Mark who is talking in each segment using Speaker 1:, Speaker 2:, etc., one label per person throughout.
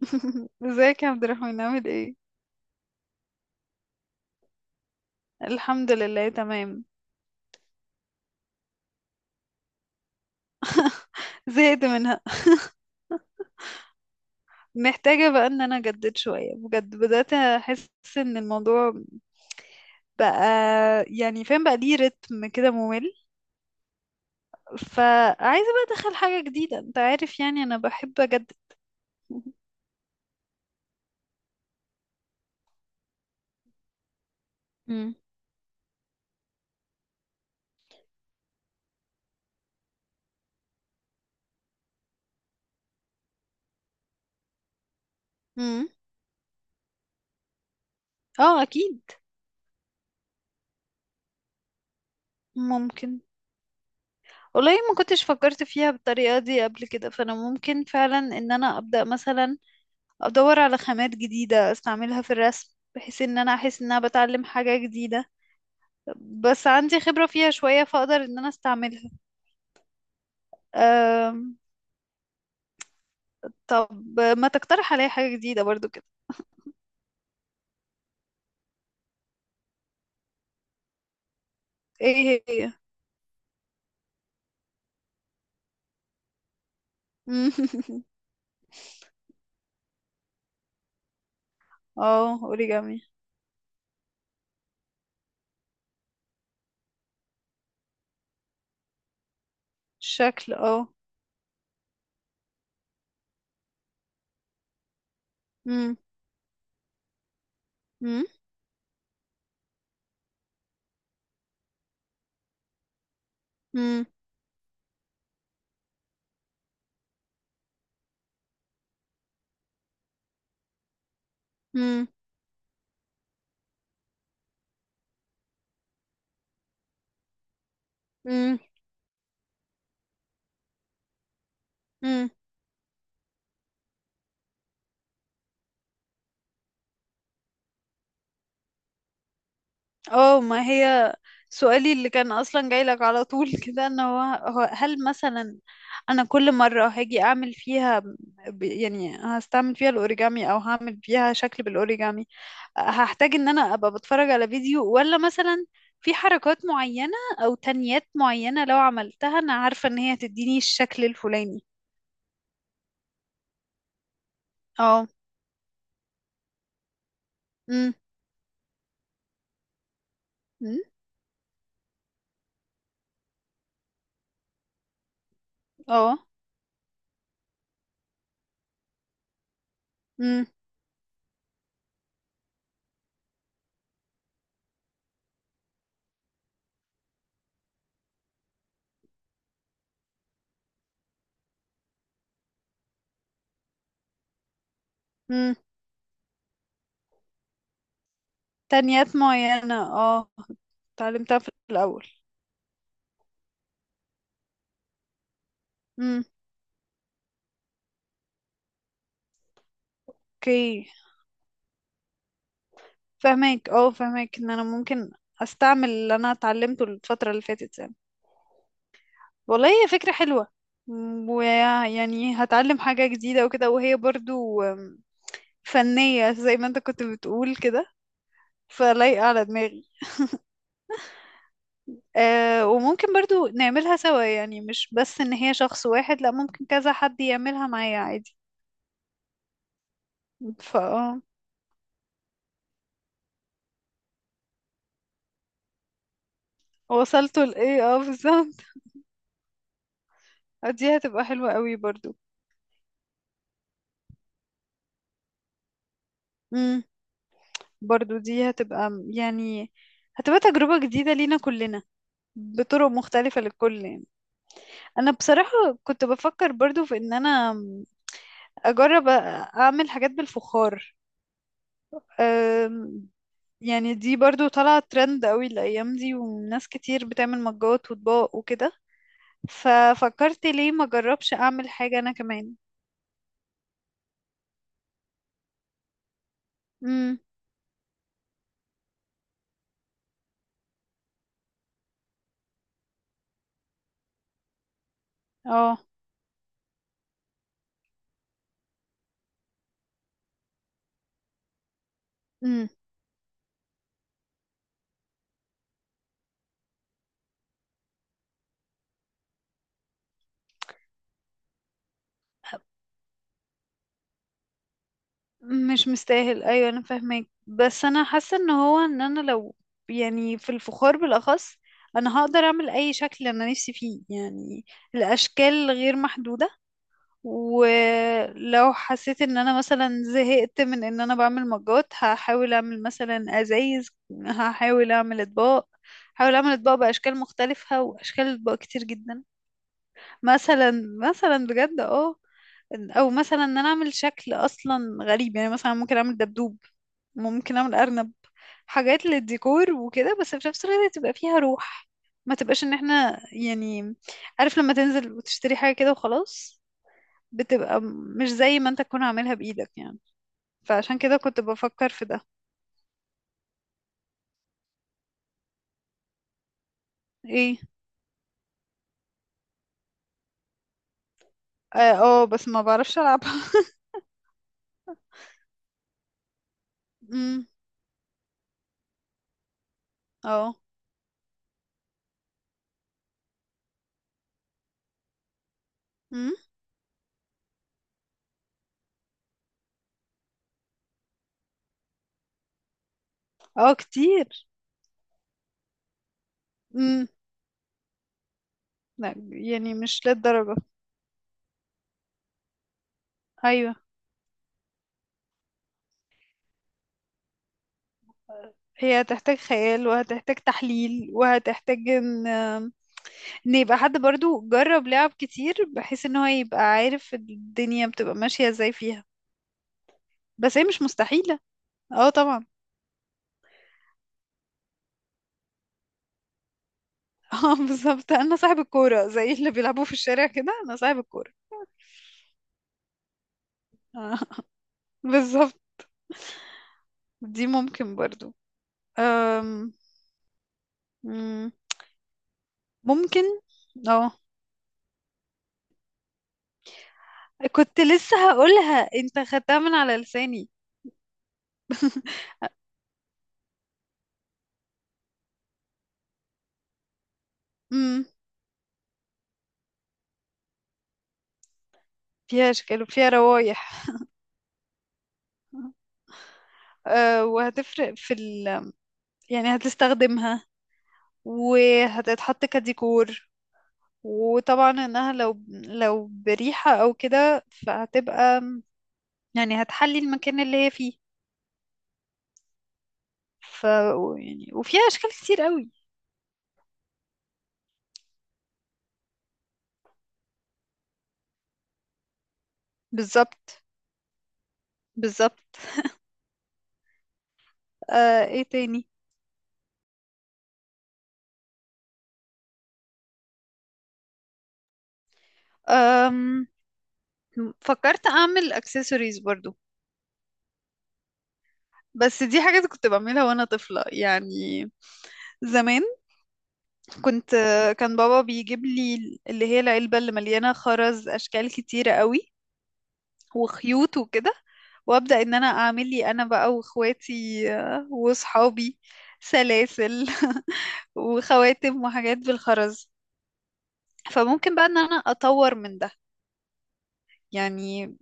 Speaker 1: ازيك يا عبد الرحمن عامل ايه؟ الحمد لله تمام. زهقت منها. محتاجة بقى ان انا اجدد شوية بجد، بدأت احس ان الموضوع بقى، فاهم بقى ليه رتم كده ممل. فعايزة بقى ادخل حاجة جديدة، انت عارف، يعني انا بحب اجدد. مم. مم. اه اكيد. ممكن. والله ما كنتش فكرت فيها بالطريقة دي قبل كده، فانا ممكن فعلا ان انا ابدأ مثلا ادور على خامات جديدة استعملها في الرسم، بحيث ان انا احس ان انا بتعلم حاجة جديدة، بس عندي خبرة فيها شوية فاقدر ان انا استعملها. أم... طب ما تقترح عليا حاجة جديدة برضو كده. ايه هي؟ مم. اه اوريجامي. شكل اه. مم، مم، مم، مم، مم، مم. اه، ما هي سؤالي اللي كان اصلا جاي لك على طول كده، ان هو، هل مثلا انا كل مرة هاجي اعمل فيها، يعني هستعمل فيها الاوريجامي او هعمل فيها شكل بالاوريجامي، هحتاج ان انا ابقى بتفرج على فيديو، ولا مثلا في حركات معينة او تنيات معينة لو عملتها انا عارفة ان هي تديني الشكل الفلاني؟ اه. امم. أمم. اه. امم. أمم. تنيات معينة، اه، اتعلمتها في الاول. امم. اوكي. فهماك، اه فهماك ان انا ممكن استعمل اللي انا اتعلمته الفترة اللي فاتت، يعني. والله هي فكرة حلوة. ويعني هتعلم حاجة جديدة وكده، وهي برضو فنية زي ما انت كنت بتقول كده، فلايقة على دماغي. أه، وممكن برضو نعملها سوا، يعني مش بس ان هي شخص واحد، لا، ممكن كذا حد يعملها معايا عادي. فا اه وصلتوا لايه اه بالظبط. دي هتبقى حلوة قوي برضو. مم. برضو دي هتبقى، يعني هتبقى تجربة جديدة لينا كلنا، بطرق مختلفة للكل يعني. أنا بصراحة كنت بفكر برضو في إن أنا أجرب أعمل حاجات بالفخار. أم، يعني دي برضو طالعة ترند قوي الأيام دي، وناس كتير بتعمل مجات وأطباق وكده، ففكرت ليه ما أجربش أعمل حاجة أنا كمان. امم. اه. مش مستاهل، ايوه انا فاهمك، بس انا حاسه ان هو، ان انا لو، يعني في الفخار بالاخص انا هقدر اعمل اي شكل انا نفسي فيه يعني، الاشكال غير محدوده. ولو حسيت ان انا مثلا زهقت من ان انا بعمل مجات، هحاول اعمل مثلا ازايز، هحاول اعمل اطباق، هحاول اعمل اطباق باشكال مختلفه، واشكال اطباق كتير جدا. مثلا، مثلا بجد اه. او مثلا ان انا اعمل شكل اصلا غريب، يعني مثلا ممكن اعمل دبدوب، ممكن اعمل ارنب، حاجات للديكور وكده، بس في نفس الوقت تبقى فيها روح، ما تبقاش ان احنا يعني، عارف لما تنزل وتشتري حاجة كده وخلاص، بتبقى مش زي ما انت تكون عاملها بايدك يعني. فعشان كده كنت بفكر في ده. ايه؟ اه. بس ما بعرفش العبها. امم. اه. امم. اه كتير. امم. لا يعني مش للدرجة. ايوه، هي هتحتاج خيال، وهتحتاج تحليل، وهتحتاج ان، ان يبقى حد برضو جرب لعب كتير، بحيث ان هو يبقى عارف الدنيا بتبقى ماشية ازاي فيها، بس هي مش مستحيلة. اه طبعا. اه بالظبط، انا صاحب الكورة، زي اللي بيلعبوا في الشارع كده، انا صاحب الكورة. آه، بالظبط. دي ممكن برضو. أم، مم، ممكن. اه، كنت لسه هقولها، انت خدتها من على لساني. امم. فيها اشكال وفيها روايح. وهتفرق في ال، يعني هتستخدمها، وهتتحط كديكور، وطبعا انها لو، لو بريحة او كده فهتبقى، يعني هتحلي المكان اللي هي فيه. ف، يعني وفيها اشكال كتير قوي. بالظبط. بالظبط. آه، ايه تاني؟ آم. فكرت اعمل اكسسوارز برضو، بس دي حاجات كنت بعملها وانا طفلة يعني، زمان. كنت، كان بابا بيجيب لي اللي هي العلبة اللي مليانة خرز، اشكال كتيرة قوي، وخيوط وكده، وابدا ان انا اعمل لي انا بقى واخواتي واصحابي سلاسل وخواتم وحاجات بالخرز. فممكن بقى ان انا اطور من ده، يعني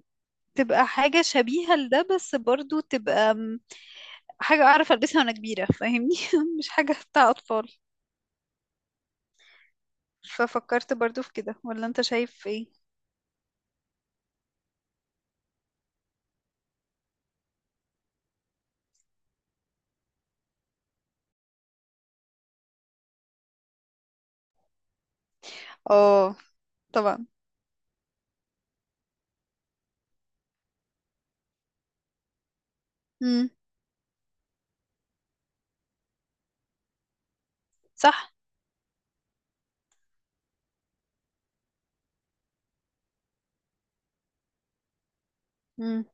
Speaker 1: تبقى حاجة شبيهة لده، بس برضو تبقى حاجة أعرف ألبسها وأنا كبيرة، فاهمني، مش حاجة بتاع أطفال. ففكرت برضو في كده، ولا أنت شايف إيه؟ آه. طبعا. مم. صح. مم.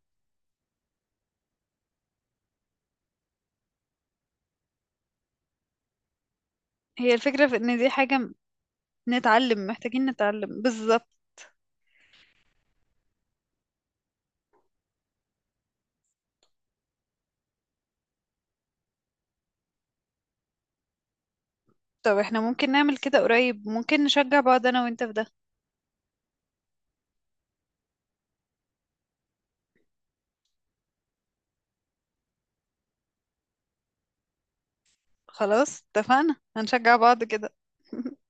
Speaker 1: هي الفكرة في إن دي حاجة نتعلم، محتاجين نتعلم بالظبط. طب احنا ممكن نعمل كده قريب، ممكن نشجع بعض انا وانت في ده. خلاص اتفقنا، هنشجع بعض كده.